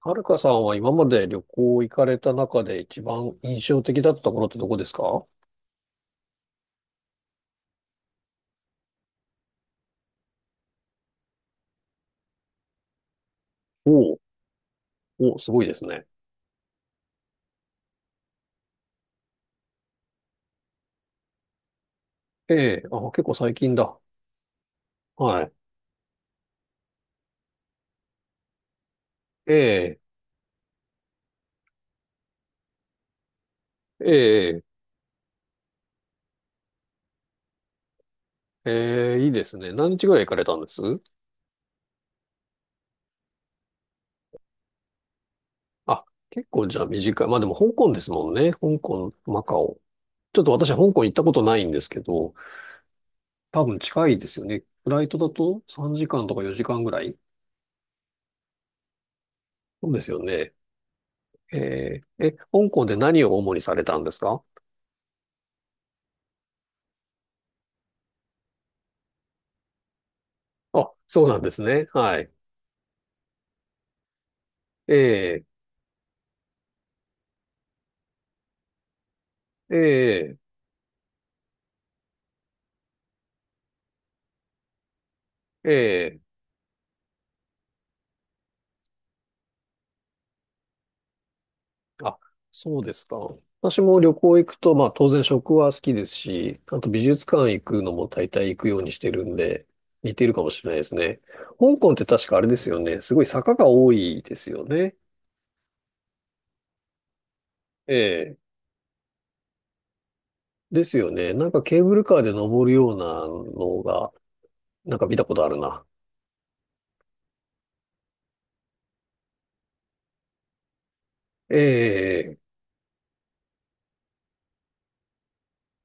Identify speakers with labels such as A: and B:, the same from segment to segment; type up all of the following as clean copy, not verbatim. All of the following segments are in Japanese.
A: はるかさんは今まで旅行行かれた中で一番印象的だったところってどこですか？おお、おお、すごいですね。ええ、あ、結構最近だ。はい。ええ、ええ、ええ、いいですね。何日ぐらい行かれたんです？あ、結構じゃあ短い。まあでも香港ですもんね。香港、マカオ。ちょっと私香港行ったことないんですけど、多分近いですよね。フライトだと3時間とか4時間ぐらい。そうですよね。ええ、え、香港で何を主にされたんですか？あ、そうなんですね。はい。ええ、ええ、ええ。あ、そうですか。私も旅行行くと、まあ当然食は好きですし、あと美術館行くのも大体行くようにしてるんで、似てるかもしれないですね。香港って確かあれですよね。すごい坂が多いですよね。ええ。ですよね。なんかケーブルカーで登るようなのが、なんか見たことあるな。ええ、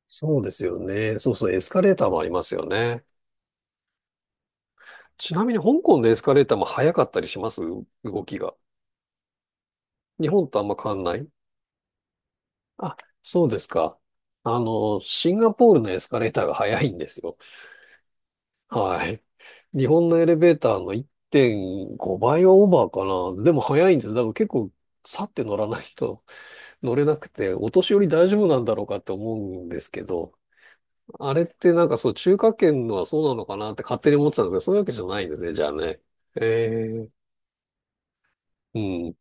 A: そうですよね。そうそう、エスカレーターもありますよね。ちなみに香港のエスカレーターも速かったりします？動きが。日本とあんま変わんない？あ、そうですか。シンガポールのエスカレーターが早いんですよ。はい。日本のエレベーターの1.5倍はオーバーかな。でも早いんです。だから結構、さって乗らないと乗れなくて、お年寄り大丈夫なんだろうかって思うんですけど、あれってなんかそう、中華圏のはそうなのかなって勝手に思ってたんですけど、そういうわけじゃないんですね、じゃあね。えー、うん。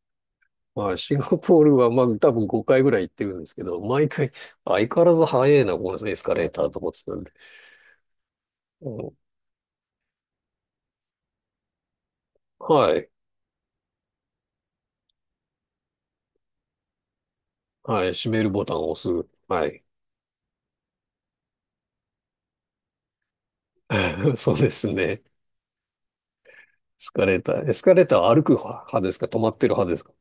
A: まあ、シンガポールは、まあ、多分5回ぐらい行ってるんですけど、毎回、相変わらず早いな、このエスカレーターと思ってたんで。うん。はい。はい。閉めるボタンを押す。はい。そうですね。エスカレーター。エスカレーターは歩く派ですか、止まってる派ですか？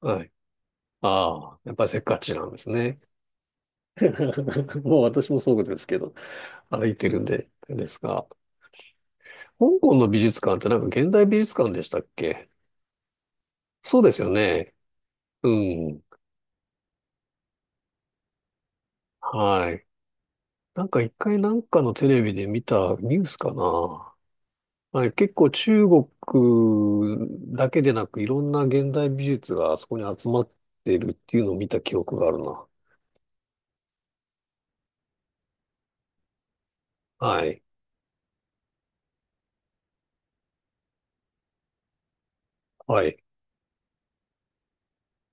A: はい。ああ、やっぱりせっかちなんですね。もう私もそうですけど、歩いてるんで、ですが。香港の美術館ってなんか現代美術館でしたっけ？そうですよね。うん。はい。なんか一回なんかのテレビで見たニュースかな。はい、結構中国だけでなくいろんな現代美術があそこに集まってるっていうのを見た記憶があるな。はい、はい、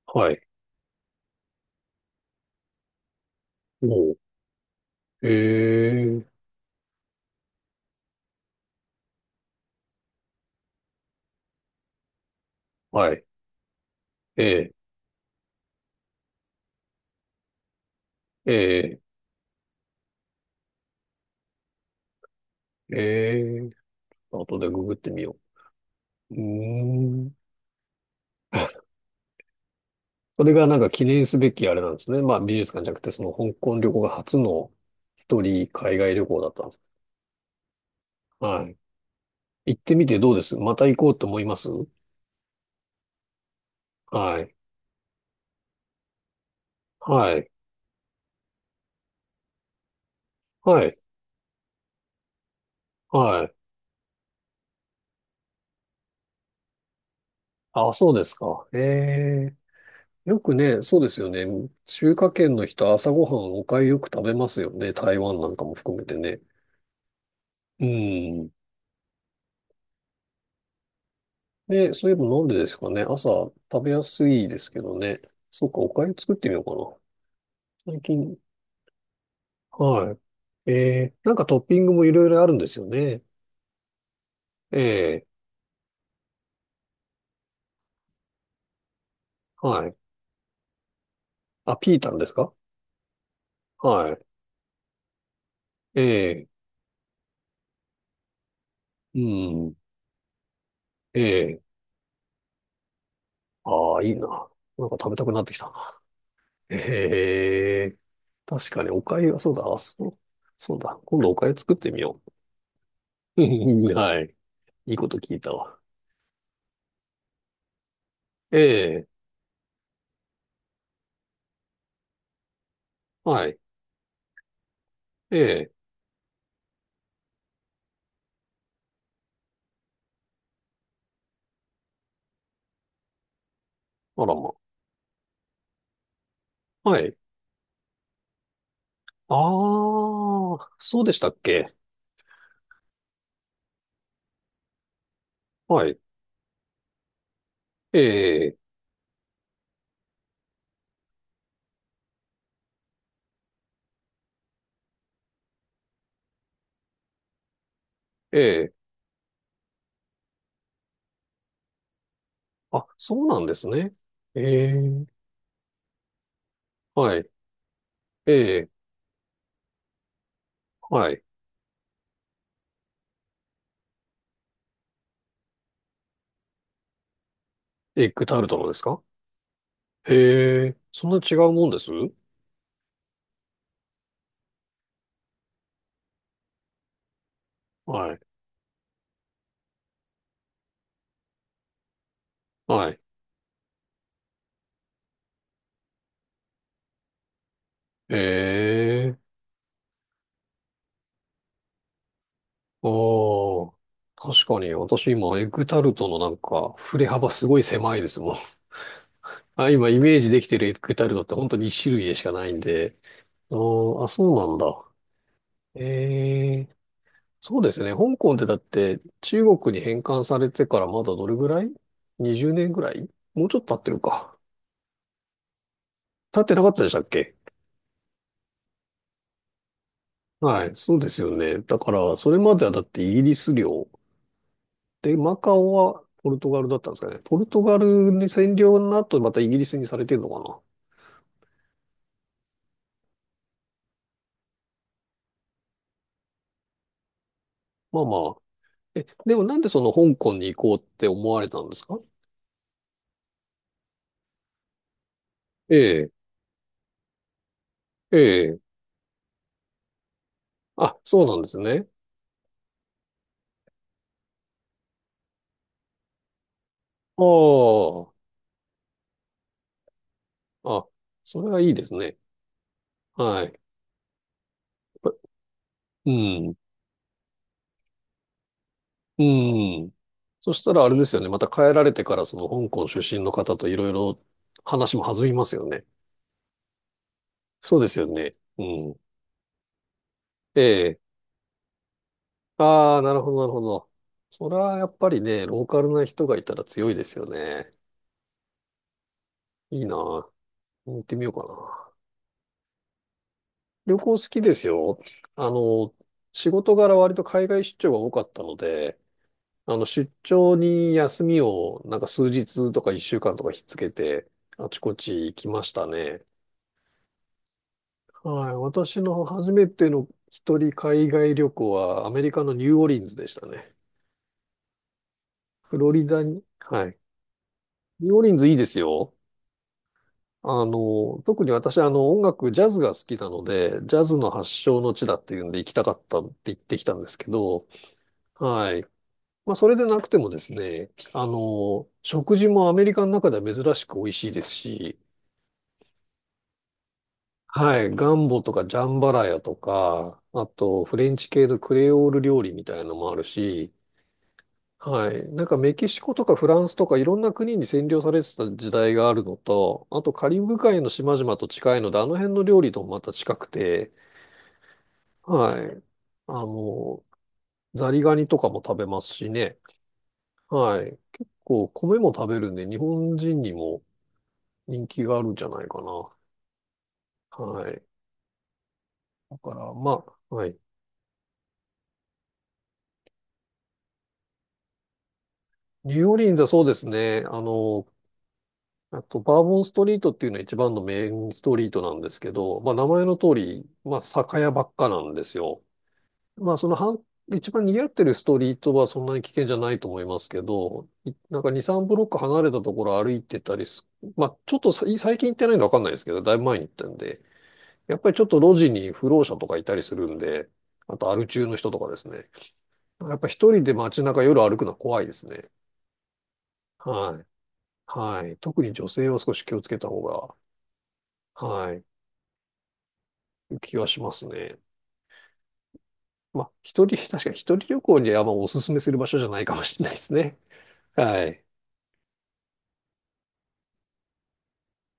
A: はい。おう。ええ、はい。ええ、ええ、ええ、後でググってみよう。うーん。それがなんか記念すべきあれなんですね。まあ美術館じゃなくて、その香港旅行が初の一人海外旅行だったんです。はい。行ってみてどう？ですまた行こうと思います？はい。はい。はい。はい。あ、そうですか。ええ。よくね、そうですよね。中華圏の人、朝ごはんお粥よく食べますよね。台湾なんかも含めてね。うん。で、そういえばなんでですかね。朝食べやすいですけどね。そっか、お粥作ってみようかな。最近。はい。ええ、なんかトッピングもいろいろあるんですよね。ええ。はい。あ、ピータンですか？はい。ええ。うん。ええ。ああ、いいな。なんか食べたくなってきたな。ええ、確かにお粥はそうだ。あ、そう、そうだ。今度お粥作ってみよう。はい。いいこと聞いたわ。ええ、はい。ええ、あらま。はい。ああ、そうでしたっけ。はい。ええ、ええ、あ、そうなんですね。ええ、はい。ええ、はい。エッグタルトのですか？へえ、そんな違うもんです？はい。はい。ええ。ああ、確かに私今エッグタルトのなんか振れ幅すごい狭いですもん。あ、今イメージできてるエッグタルトって本当に一種類でしかないんで。あーあ、そうなんだ。ええ、そうですね。香港ってだって中国に返還されてからまだどれぐらい？ 20 年ぐらい、もうちょっと経ってるか。経ってなかったでしたっけ？はい、そうですよね。だからそれまではだってイギリス領。で、マカオはポルトガルだったんですかね。ポルトガルに占領の後、またイギリスにされてるのかな。まあまあ。え、でもなんでその香港に行こうって思われたんですか？ええ、ええ。あ、そうなんですね。ああ、あ、それはいいですね。はい。うん、うん。そしたらあれですよね。また帰られてからその香港出身の方といろいろ話も弾みますよね。そうですよね。うん。え、ああ、なるほど、なるほど。それはやっぱりね、ローカルな人がいたら強いですよね。いいな。行ってみようかな。旅行好きですよ。あの、仕事柄割と海外出張が多かったので、出張に休みをなんか数日とか一週間とかひっつけて、あちこち行きましたね。はい。私の初めての一人海外旅行はアメリカのニューオーリンズでしたね。フロリダに。はい。ニューオーリンズいいですよ。特に私、音楽、ジャズが好きなので、ジャズの発祥の地だっていうんで行きたかったって言ってきたんですけど、はい。まあ、それでなくてもですね、食事もアメリカの中では珍しく美味しいですし、はい。ガンボとかジャンバラヤとか、あと、フレンチ系のクレオール料理みたいなのもあるし、はい。なんかメキシコとかフランスとかいろんな国に占領されてた時代があるのと、あとカリブ海の島々と近いので、あの辺の料理ともまた近くて、はい。あの、ザリガニとかも食べますしね。はい。結構米も食べるんで、日本人にも人気があるんじゃないかな。はい。だから、まあ、はい。ニューオーリンズはそうですね。あの、あと、バーボンストリートっていうのは一番のメインストリートなんですけど、まあ、名前の通り、まあ、酒屋ばっかなんですよ。まあ、その半、一番賑わってるストリートはそんなに危険じゃないと思いますけど、いなんか2、3ブロック離れたところ歩いてたりす、まあ、ちょっとさ最近行ってないのわかんないですけど、だいぶ前に行ったんで、やっぱりちょっと路地に不老者とかいたりするんで、あとアル中の人とかですね。やっぱ一人で街中夜歩くのは怖いですね。はい。はい。特に女性は少し気をつけた方が、はい、気はしますね。まあ、一人、確かに一人旅行にはあんまおすすめする場所じゃないかもしれないですね。はい。